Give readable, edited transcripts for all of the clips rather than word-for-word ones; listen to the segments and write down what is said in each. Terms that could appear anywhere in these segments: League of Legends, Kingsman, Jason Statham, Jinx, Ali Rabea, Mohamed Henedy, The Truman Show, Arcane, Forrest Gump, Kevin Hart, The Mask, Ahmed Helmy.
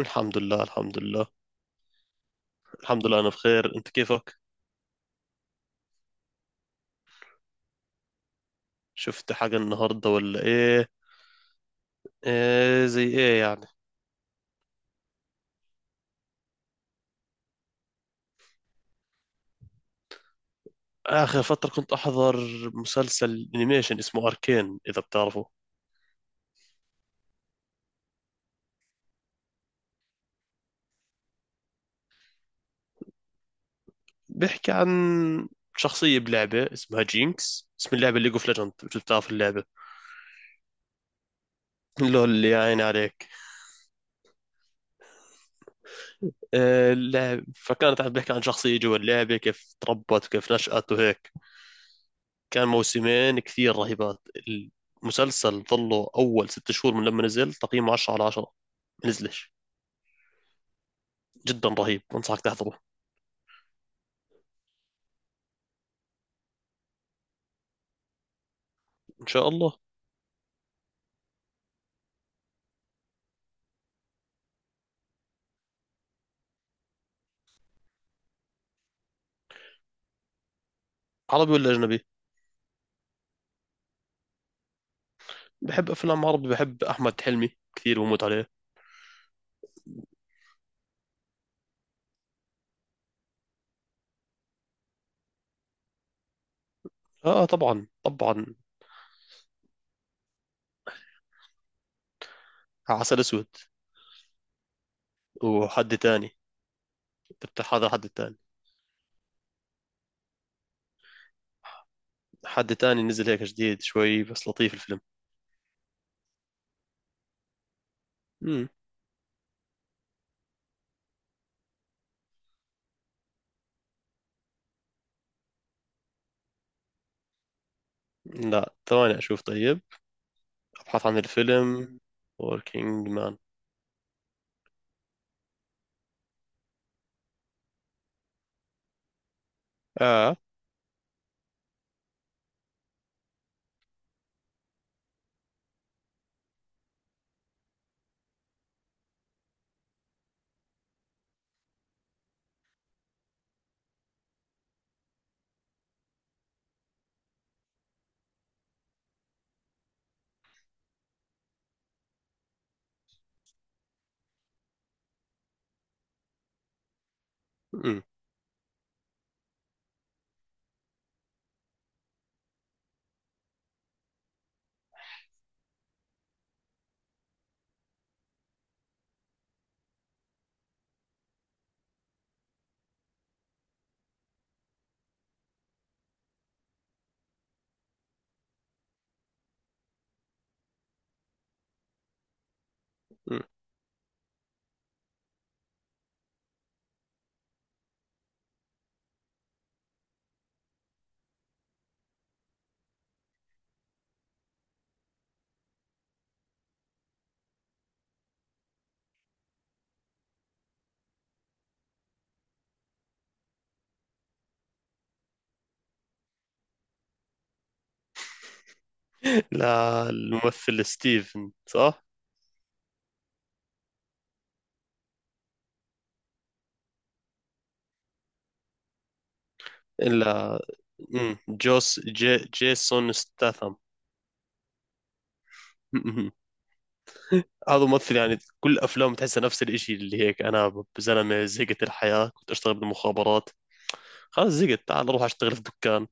الحمد لله الحمد لله الحمد لله. انا بخير، انت كيفك؟ شفت حاجة النهاردة ولا ايه؟ ايه زي ايه يعني؟ اخر فترة كنت احضر مسلسل انيميشن اسمه اركين، اذا بتعرفه. بيحكي عن شخصية بلعبة اسمها جينكس، اسم اللعبة ليج اوف ليجند، مش بتعرف اللعبة؟ لول، اللي يا عيني عليك. اللعب فكانت عم بحكي عن شخصية جوا اللعبة، كيف تربت وكيف نشأت وهيك. كان موسمين كثير رهيبات. المسلسل ظله أول ست شهور من لما نزل تقييمه 10 على 10 نزلش. جدا رهيب، انصحك تحضره. ان شاء الله. عربي ولا اجنبي؟ بحب افلام عربي، بحب احمد حلمي كثير، بموت عليه. اه طبعا طبعا. عسل اسود. وحد تاني. بتاع هذا حد تاني. حد تاني نزل هيك جديد شوي بس لطيف الفيلم. مم. لا ثواني اشوف طيب. ابحث عن الفيلم. وركينج مان. اه. مم. مم. لا الممثل ستيفن صح؟ الا. جوس جي جيسون ستاثم. هذا ممثل يعني كل افلامه تحسها نفس الاشي، اللي هيك انا زلمه زهقت الحياه، كنت اشتغل بالمخابرات، خلاص زهقت تعال اروح اشتغل في دكان.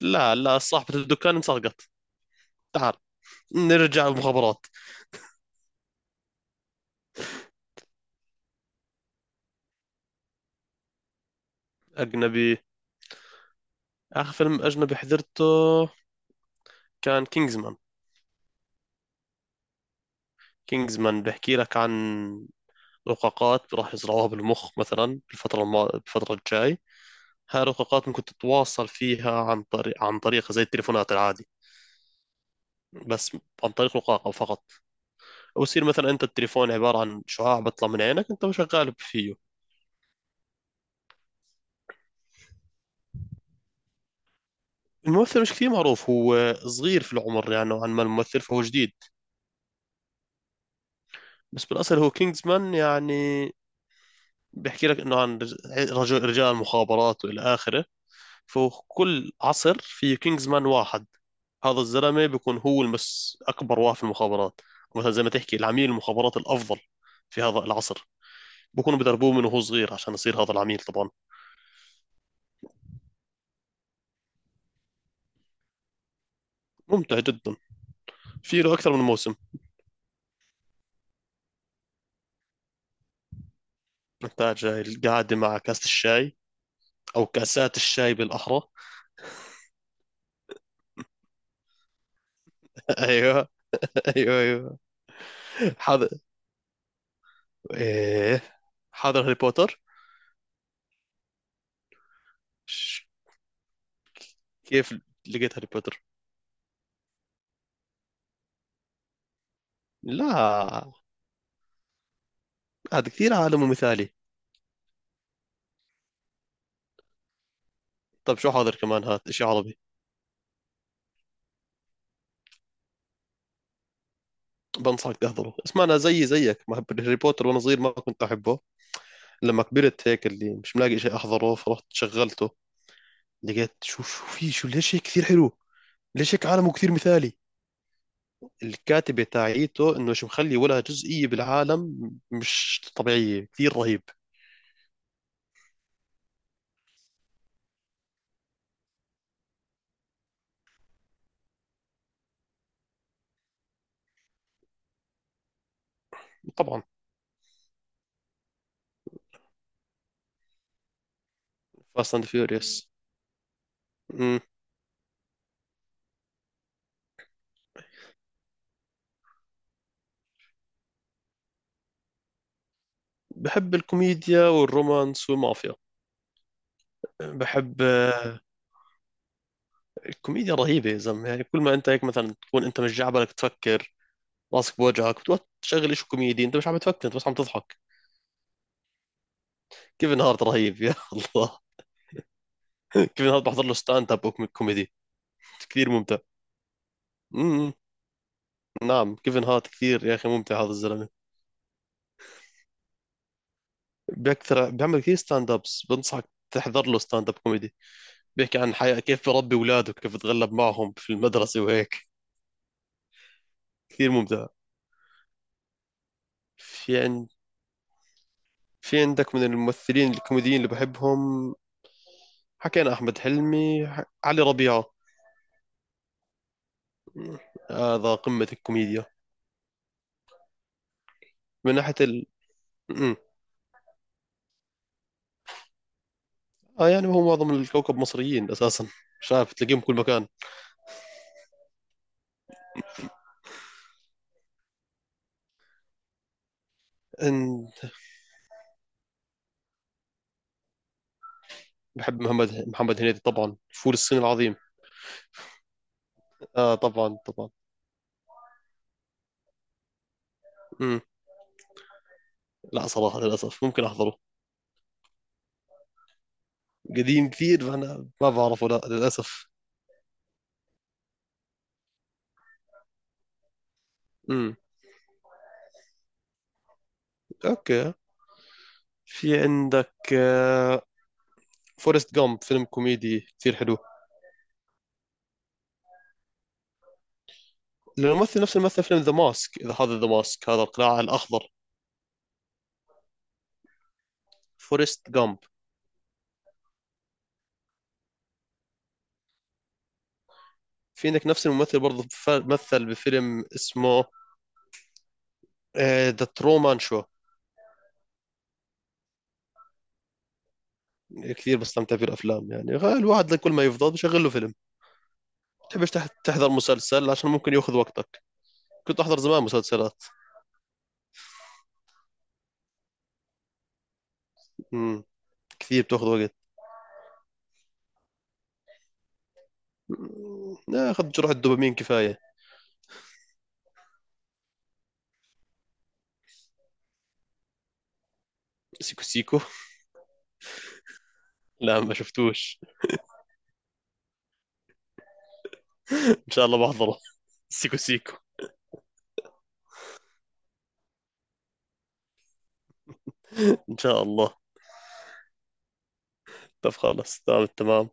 لا لا، صاحبة الدكان انسرقت، تعال نرجع المخابرات. اجنبي. اخر فيلم اجنبي حضرته كان كينجزمان. كينجزمان بحكي لك عن رقاقات راح يزرعوها بالمخ مثلا بالفتره الجاي. هاي الرقاقات ممكن تتواصل فيها عن طريق زي التليفونات العادي، بس عن طريق رقاقة فقط. ويصير مثلا انت التليفون عباره عن شعاع بيطلع من عينك، انت وشغال فيه. الممثل مش كثير معروف، هو صغير في العمر يعني نوعا ما الممثل، فهو جديد. بس بالاصل هو كينجزمان يعني. بيحكي لك انه عن رجال المخابرات والى اخره. فكل عصر في كينجزمان واحد، هذا الزلمه بيكون هو المس اكبر واحد في المخابرات. مثلا زي ما تحكي العميل المخابرات الافضل في هذا العصر. بكونوا بدربوه من وهو صغير عشان يصير هذا العميل طبعا. ممتع جدا. في له اكثر من موسم. نحتاج هاي القعدة مع كاسة الشاي. أو كاسات الشاي بالأحرى. أيوه. أيوه، أيوه. حاضر. إيه. حاضر هاري بوتر. ش- كيف لقيت هاري بوتر؟ لا، هذا كثير عالم مثالي. طب شو حاضر كمان، هات إشي عربي. بنصحك تحضره، اسمع. أنا زيي زيك ما بحب هاري بوتر، وأنا صغير ما كنت أحبه. لما كبرت هيك اللي مش ملاقي إشي أحضره، فرحت شغلته. لقيت شو في شو ليش هيك كثير حلو، ليش هيك عالمه كثير مثالي. الكاتبة تاعيته انه شو مخلي ولها جزئية بالعالم مش طبيعية، كثير رهيب. طبعا. فاست اند فيوريوس. بحب الكوميديا والرومانس والمافيا. بحب الكوميديا رهيبة يا زلمة. يعني كل ما انت هيك مثلا تكون انت مش جعبلك تفكر، راسك بوجهك، بتقعد تشغل شيء كوميدي انت مش عم تفكر، انت بس عم تضحك. كيفن هارت رهيب يا الله. كيفن هارت بحضر له ستاند اب كوميدي، كثير ممتع. امم نعم، كيفن هارت كثير يا اخي ممتع هذا الزلمة. بيكثر بيعمل كثير ستاند ابس، بنصحك تحضر له ستاند اب كوميدي. بيحكي عن حياة، كيف بربي اولاده، كيف بتغلب معهم في المدرسة وهيك. كثير ممتع. في عند في عندك من الممثلين الكوميديين اللي بحبهم؟ حكينا احمد حلمي، علي ربيعة. م، هذا قمة الكوميديا. من ناحية ال. م. اه يعني هو معظم الكوكب مصريين اساسا، مش عارف تلاقيهم كل مكان. إن- بحب محمد هنيدي طبعا، فول الصين العظيم. اه طبعا طبعا. م. لا صراحة للأسف، ممكن أحضره. قديم كثير فأنا ما بعرفه، لا للأسف. امم. أوكي. في عندك فورست جامب، فيلم كوميدي كثير حلو. الممثل نفس الممثل فيلم ذا ماسك، إذا هذا ذا ماسك هذا القلاع الأخضر. فورست جامب. في عندك نفس الممثل برضه مثل بفيلم اسمه ذا ترومان شو. كثير بستمتع في الأفلام يعني. الواحد كل ما يفضل بشغل له فيلم، تحبش تحضر مسلسل عشان ممكن ياخذ وقتك. كنت أحضر زمان مسلسلات. امم. كثير بتاخذ وقت. ناخذ جرعة دوبامين كفاية. سيكو سيكو؟ لا ما شفتوش. ان شاء الله بحضره. سيكو سيكو. ان شاء الله. طب خلاص تمام التمام.